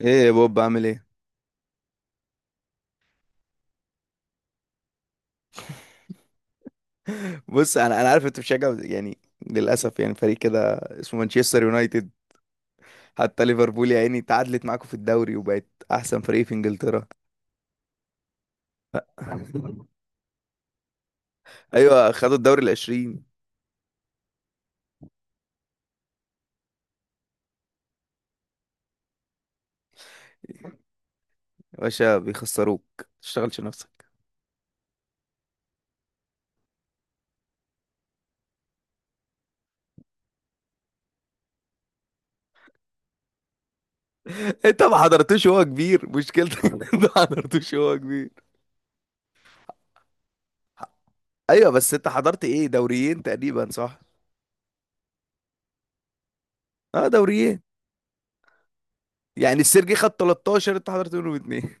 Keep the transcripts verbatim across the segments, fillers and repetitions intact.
ايه يا بوب، عامل ايه؟ بص، انا انا عارف انت بتشجع يعني، للاسف، يعني فريق كده اسمه مانشستر يونايتد. حتى ليفربول يا عيني تعادلت معاكم في الدوري وبقت احسن فريق في انجلترا. ايوه، خدوا الدوري العشرين. يا باشا بيخسروك، تشتغلش نفسك. انت ما حضرتوش وهو كبير مشكلتك. انت ما حضرتوش وهو كبير. ايوه بس انت حضرت ايه، دوريين تقريبا صح؟ اه دوريين. يعني السيرجي خد تلتاشر، انت حضرت منهم اتنين.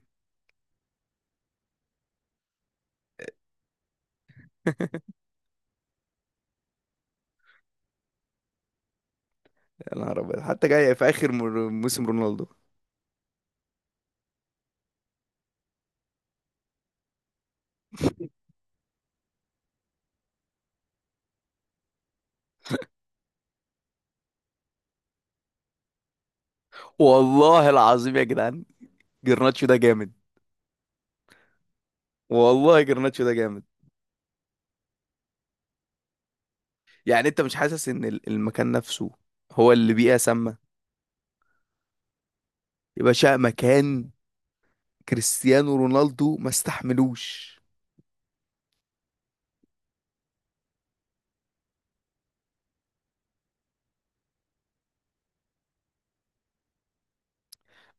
يا نهار ابيض، حتى جاي في اخر مر- موسم رونالدو. والله العظيم يا جدعان، جرناتشو ده جامد. والله جرناتشو ده جامد. يعني انت مش حاسس ان ال- المكان نفسه هو اللي بيئة سامة؟ يا باشا، مكان كريستيانو رونالدو ما استحملوش.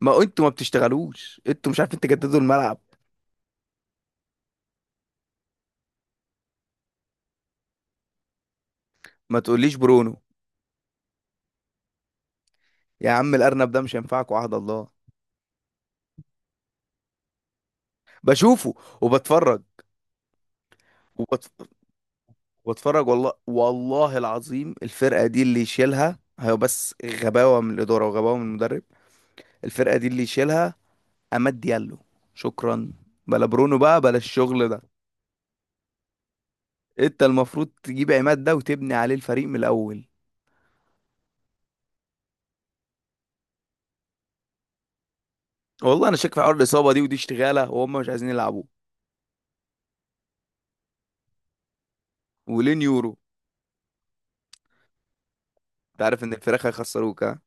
ما انتوا ما بتشتغلوش، انتوا مش عارفين تجددوا الملعب. ما تقوليش برونو. يا عم الارنب ده مش هينفعكوا عهد الله. بشوفه وبتفرج. وبتف... وبتفرج، والله، والله العظيم الفرقة دي اللي يشيلها هي، بس غباوة من الإدارة وغباوة من المدرب. الفرقة دي اللي يشيلها عماد ديالو، شكرا. بلا برونو بقى، بلا الشغل ده. انت المفروض تجيب عماد ده وتبني عليه الفريق من الاول. والله انا شاك في حوار الاصابه دي، ودي اشتغاله وهم مش عايزين يلعبوه. ولين يورو. انت عارف ان الفراخ هيخسروك؟ ها،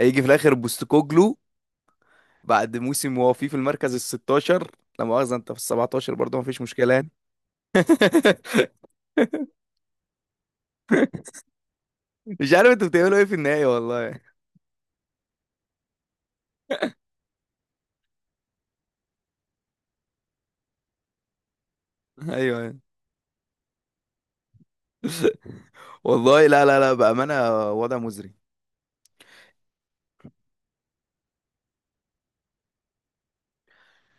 هيجي في الاخر بوستكوجلو بعد موسم وهو فيه في المركز ال السادس عشر. لا مؤاخذه، انت في ال سبعة عشر برضه، مفيش مشكله يعني. مش عارف انتوا بتعملوا ايه في النهايه، والله. ايوه. والله لا لا لا، بامانه وضع مزري.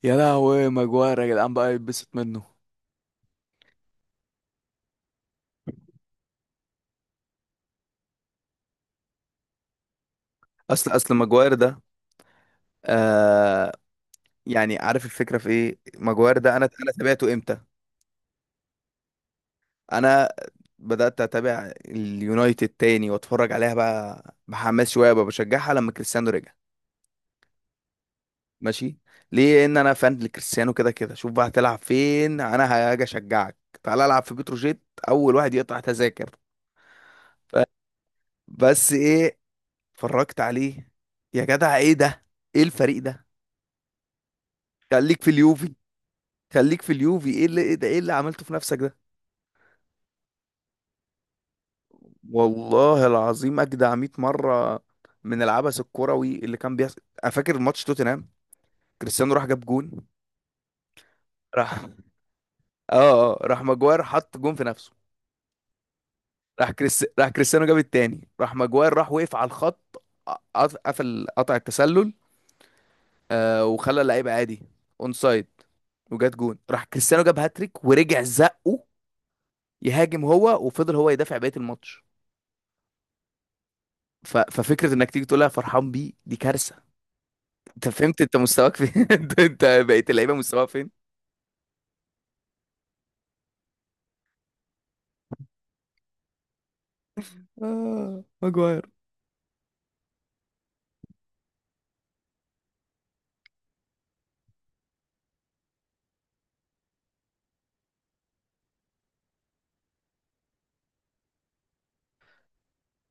يا لهوي، ماجواير يا جدعان بقى يتبسط منه؟ اصل اصل ماجواير ده، آه يعني عارف الفكره في ايه؟ ماجواير ده انا انا تابعته امتى؟ انا بدات اتابع اليونايتد تاني، واتفرج عليها بقى بحماس شويه، بقى بشجعها لما كريستيانو رجع. ماشي، ليه؟ ان انا فان لكريستيانو كده كده. شوف بقى هتلعب فين، انا هاجي اشجعك. تعال العب في بتروجيت، اول واحد يقطع تذاكر. ف- بس ايه، اتفرجت عليه. يا جدع ايه ده؟ ايه الفريق ده؟ خليك في اليوفي. خليك في اليوفي. ايه اللي، ايه ده؟ ايه اللي عملته في نفسك ده؟ والله العظيم اجدع مية مره من العبث الكروي اللي كان بيحصل. انا فاكر ماتش توتنهام، كريستيانو راح جاب جون. راح، اه اه راح ماجواير حط جون في نفسه. راح كريس... راح كريستيانو جاب التاني، راح ماجواير راح وقف على الخط، قط- قفل قطع التسلل، آه وخلى اللعيبه عادي اون سايد، وجات جون راح كريستيانو جاب هاتريك ورجع زقه يهاجم هو، وفضل هو يدافع بقيه الماتش. ف... ففكره انك تيجي تقولها فرحان بيه دي كارثه. انت فهمت انت مستواك فين؟ انت انت بقيت اللعيبه مستواها فين. اه ماجواير.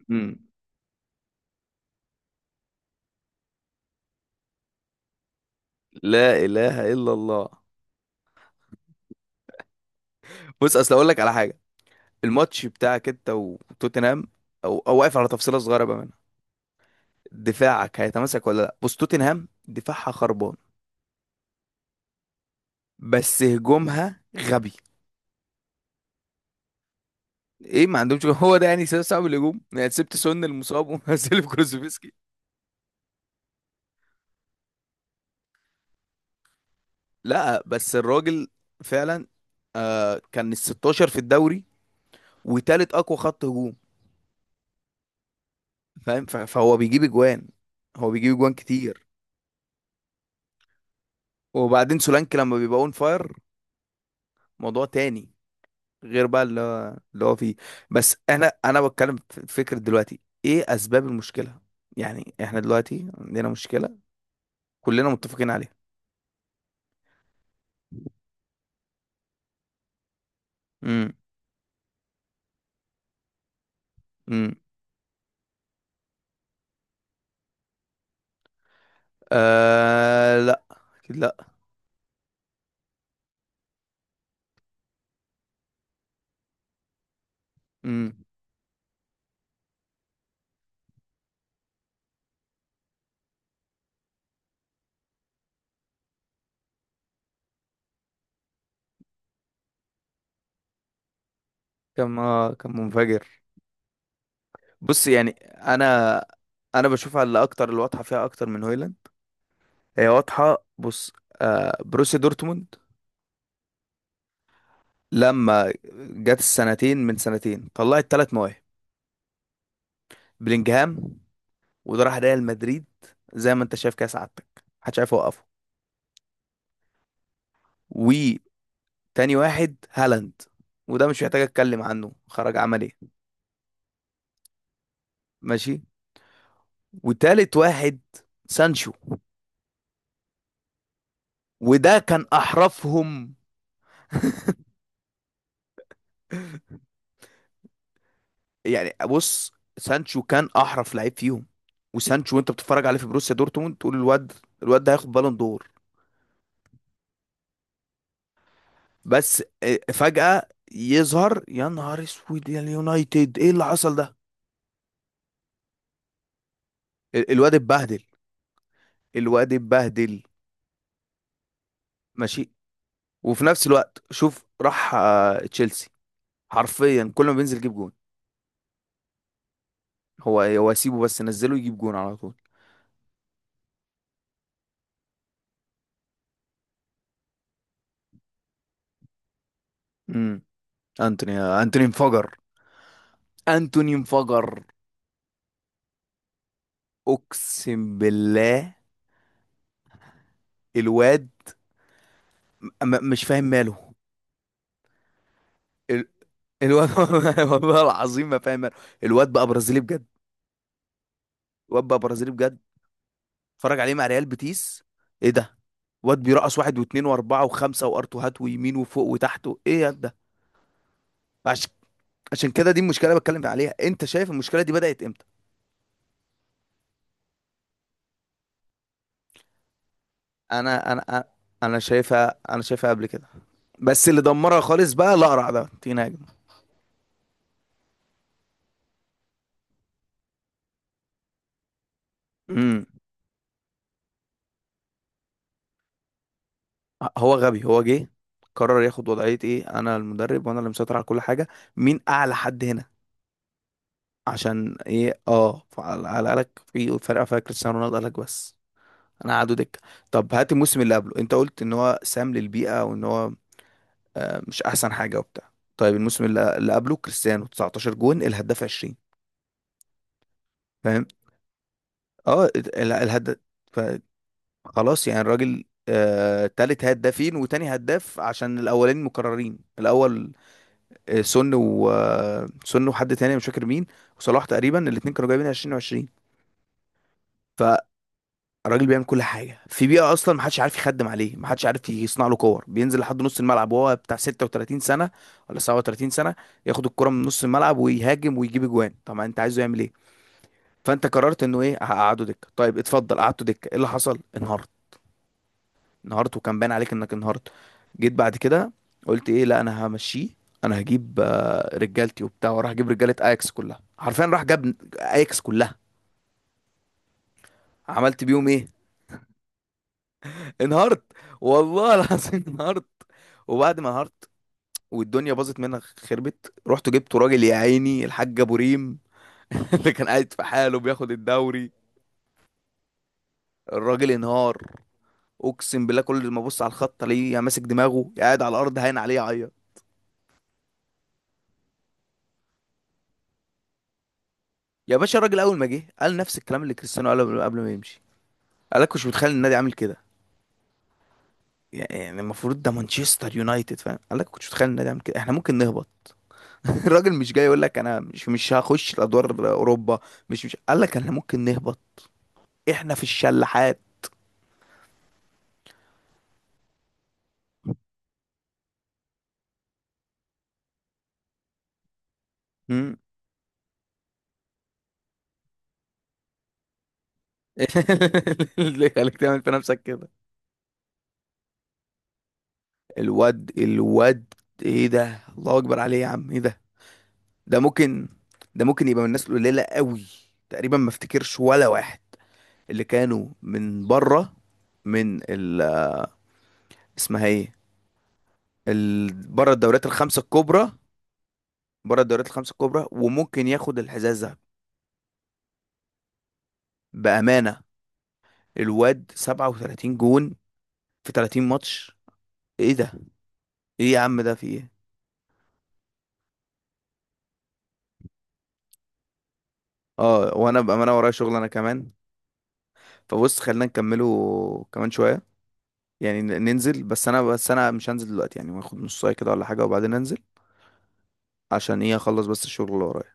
مم. لا اله الا الله. بص اصل اقول لك على حاجه، الماتش بتاعك انت وتوتنهام، او او واقف على تفصيله صغيره بقى منها. دفاعك هيتماسك ولا لا؟ بص توتنهام دفاعها خربان، بس هجومها غبي. ايه، ما عندهمش جول. هو ده يعني سبب صعب الهجوم، يعني سبت سون المصاب ومنزل كروزفسكي. لا بس الراجل فعلا، آه كان ال ستاشر في الدوري وتالت اقوى خط هجوم، فاهم؟ ف- فهو بيجيب اجوان، هو بيجيب اجوان كتير. وبعدين سولانكي لما بيبقى اون فاير موضوع تاني، غير بقى اللي هو اللي هو فيه. بس انا انا بتكلم في فكرة دلوقتي ايه اسباب المشكلة. يعني احنا دلوقتي عندنا مشكلة كلنا متفقين عليها. امم. امم. آه لا، اكيد لا. امم. كان آه كان منفجر. بص يعني انا، انا بشوفها اللي اكتر، اللي واضحة فيها اكتر من هويلاند، هي واضحة. بص، آه بروسيا دورتموند لما جت السنتين، من سنتين طلعت ثلاث مواهب: بلينجهام، وده راح ريال مدريد، زي ما انت شايف كده سعادتك محدش عارف يوقفه. وتاني واحد هالاند، وده مش محتاج اتكلم عنه، خرج عمل ايه. ماشي. وتالت واحد سانشو، وده كان احرفهم. يعني بص، سانشو كان احرف لعيب فيهم. وسانشو وانت بتتفرج عليه في بروسيا دورتموند تقول الواد، الواد ده هياخد بالون دور. بس آه، فجأة يظهر، يا نهار اسود يا اليونايتد ايه اللي حصل ده؟ ال- الواد اتبهدل، الواد اتبهدل. ماشي. وفي نفس الوقت شوف، راح آه، تشيلسي، حرفيا كل ما بينزل يجيب جون. هو هو سيبه، بس نزله يجيب جون على طول. امم. انتوني، انتوني انفجر، انتوني انفجر. اقسم بالله الواد، م- مش فاهم ماله. ال- الواد والله العظيم، ما فاهم ماله. الواد بقى برازيلي بجد، الواد بقى برازيلي بجد. اتفرج عليه مع ريال بيتيس، ايه ده؟ واد بيرقص واحد واثنين واربعه وخمسه وارتوهات ويمين وفوق وتحت و- ايه يا ده؟ عشان، عشان كده دي المشكله اللي بتكلم عليها. انت شايف المشكله دي بدات امتى؟ انا انا انا أنا شايفها، انا شايفها قبل كده، بس اللي دمرها خالص بقى الاقرع ده تيناجم. امم. هو غبي، هو جه قرر ياخد وضعيه ايه؟ انا المدرب وانا اللي مسيطر على كل حاجه، مين اعلى حد هنا عشان ايه؟ اه، فعلى- على قالك في فرقه فيها كريستيانو رونالدو؟ قالك بس انا قعدوا دكه. طب هات الموسم اللي قبله، انت قلت ان هو سام للبيئه وان هو، آه، مش احسن حاجه وبتاع. طيب الموسم اللي اللي قبله كريستيانو تسعة عشر جون، الهداف عشرين، فاهم؟ اه، ال- الهداف خلاص يعني الراجل، آه تالت هدافين وتاني هداف عشان الاولين مكررين الاول. آه، سن و آه، سن وحد تاني مش فاكر مين، وصلاح، تقريبا الاتنين كانوا جايبين عشرين و20. الراجل بيعمل كل حاجه في بيئه اصلا محدش عارف يخدم عليه، محدش عارف يصنع له كور، بينزل لحد نص الملعب وهو بتاع ستة وتلاتين سنه ولا سبعة وتلاتين سنه، ياخد الكره من نص الملعب ويهاجم ويجيب اجوان. طبعا انت عايزه يعمل ايه؟ فانت قررت انه ايه؟ هقعده دكه. طيب اتفضل، قعدته دكه ايه اللي حصل؟ انهارت. انهارت، وكان باين عليك انك انهارت. جيت بعد كده قلت ايه؟ لا انا همشيه. انا هجيب آه، رجالتي وبتاع، وراح اجيب رجاله اياكس كلها، حرفيا راح جاب اياكس كلها. عملت بيهم ايه؟ انهارت. والله العظيم انهارت. وبعد ما انهارت والدنيا باظت منها خربت، رحت جبت راجل يا عيني الحاج ابو ريم اللي كان قاعد في حاله بياخد الدوري. الراجل انهار، اقسم بالله كل ما ابص على الخط الاقيه يا ماسك دماغه يا قاعد على الارض هاين عليه يعيط. يا باشا الراجل اول ما جه قال نفس الكلام اللي كريستيانو قاله قبل قبل ما يمشي. قال لك مش متخيل النادي عامل كده، يعني المفروض ده مانشستر يونايتد، فاهم؟ قال لك كنتش متخيل النادي عامل كده، احنا ممكن نهبط. الراجل مش جاي يقول لك انا مش مش هخش الادوار اوروبا، مش مش قال لك احنا ممكن نهبط، احنا في الشلاحات. مم. اللي خليك تعمل في نفسك كده. الواد، الواد ايه ده؟ الله اكبر عليه يا عم، ايه ده؟ ده ممكن، ده ممكن يبقى من الناس القليله قوي. تقريبا ما افتكرش ولا واحد اللي كانوا من بره، من ال، اسمها ايه، ال- بره الدوريات الخمسه الكبرى، بره الدوريات الخمسه الكبرى وممكن ياخد الحذاء الذهبي، بامانه. الواد سبعة وتلاتين جون في تلاتين ماتش، ايه ده؟ ايه يا عم ده في ايه؟ اه، وانا بامانه ورايا شغل انا كمان، فبص خلينا نكمله كمان شويه. يعني ن- ننزل، بس انا، بس انا مش هنزل دلوقتي يعني، هاخد نص ساعه كده ولا حاجه وبعدين انزل عشان ايه؟ اخلص بس الشغل اللي ورايا.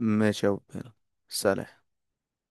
ماشي يا أبو، يلا. سلام.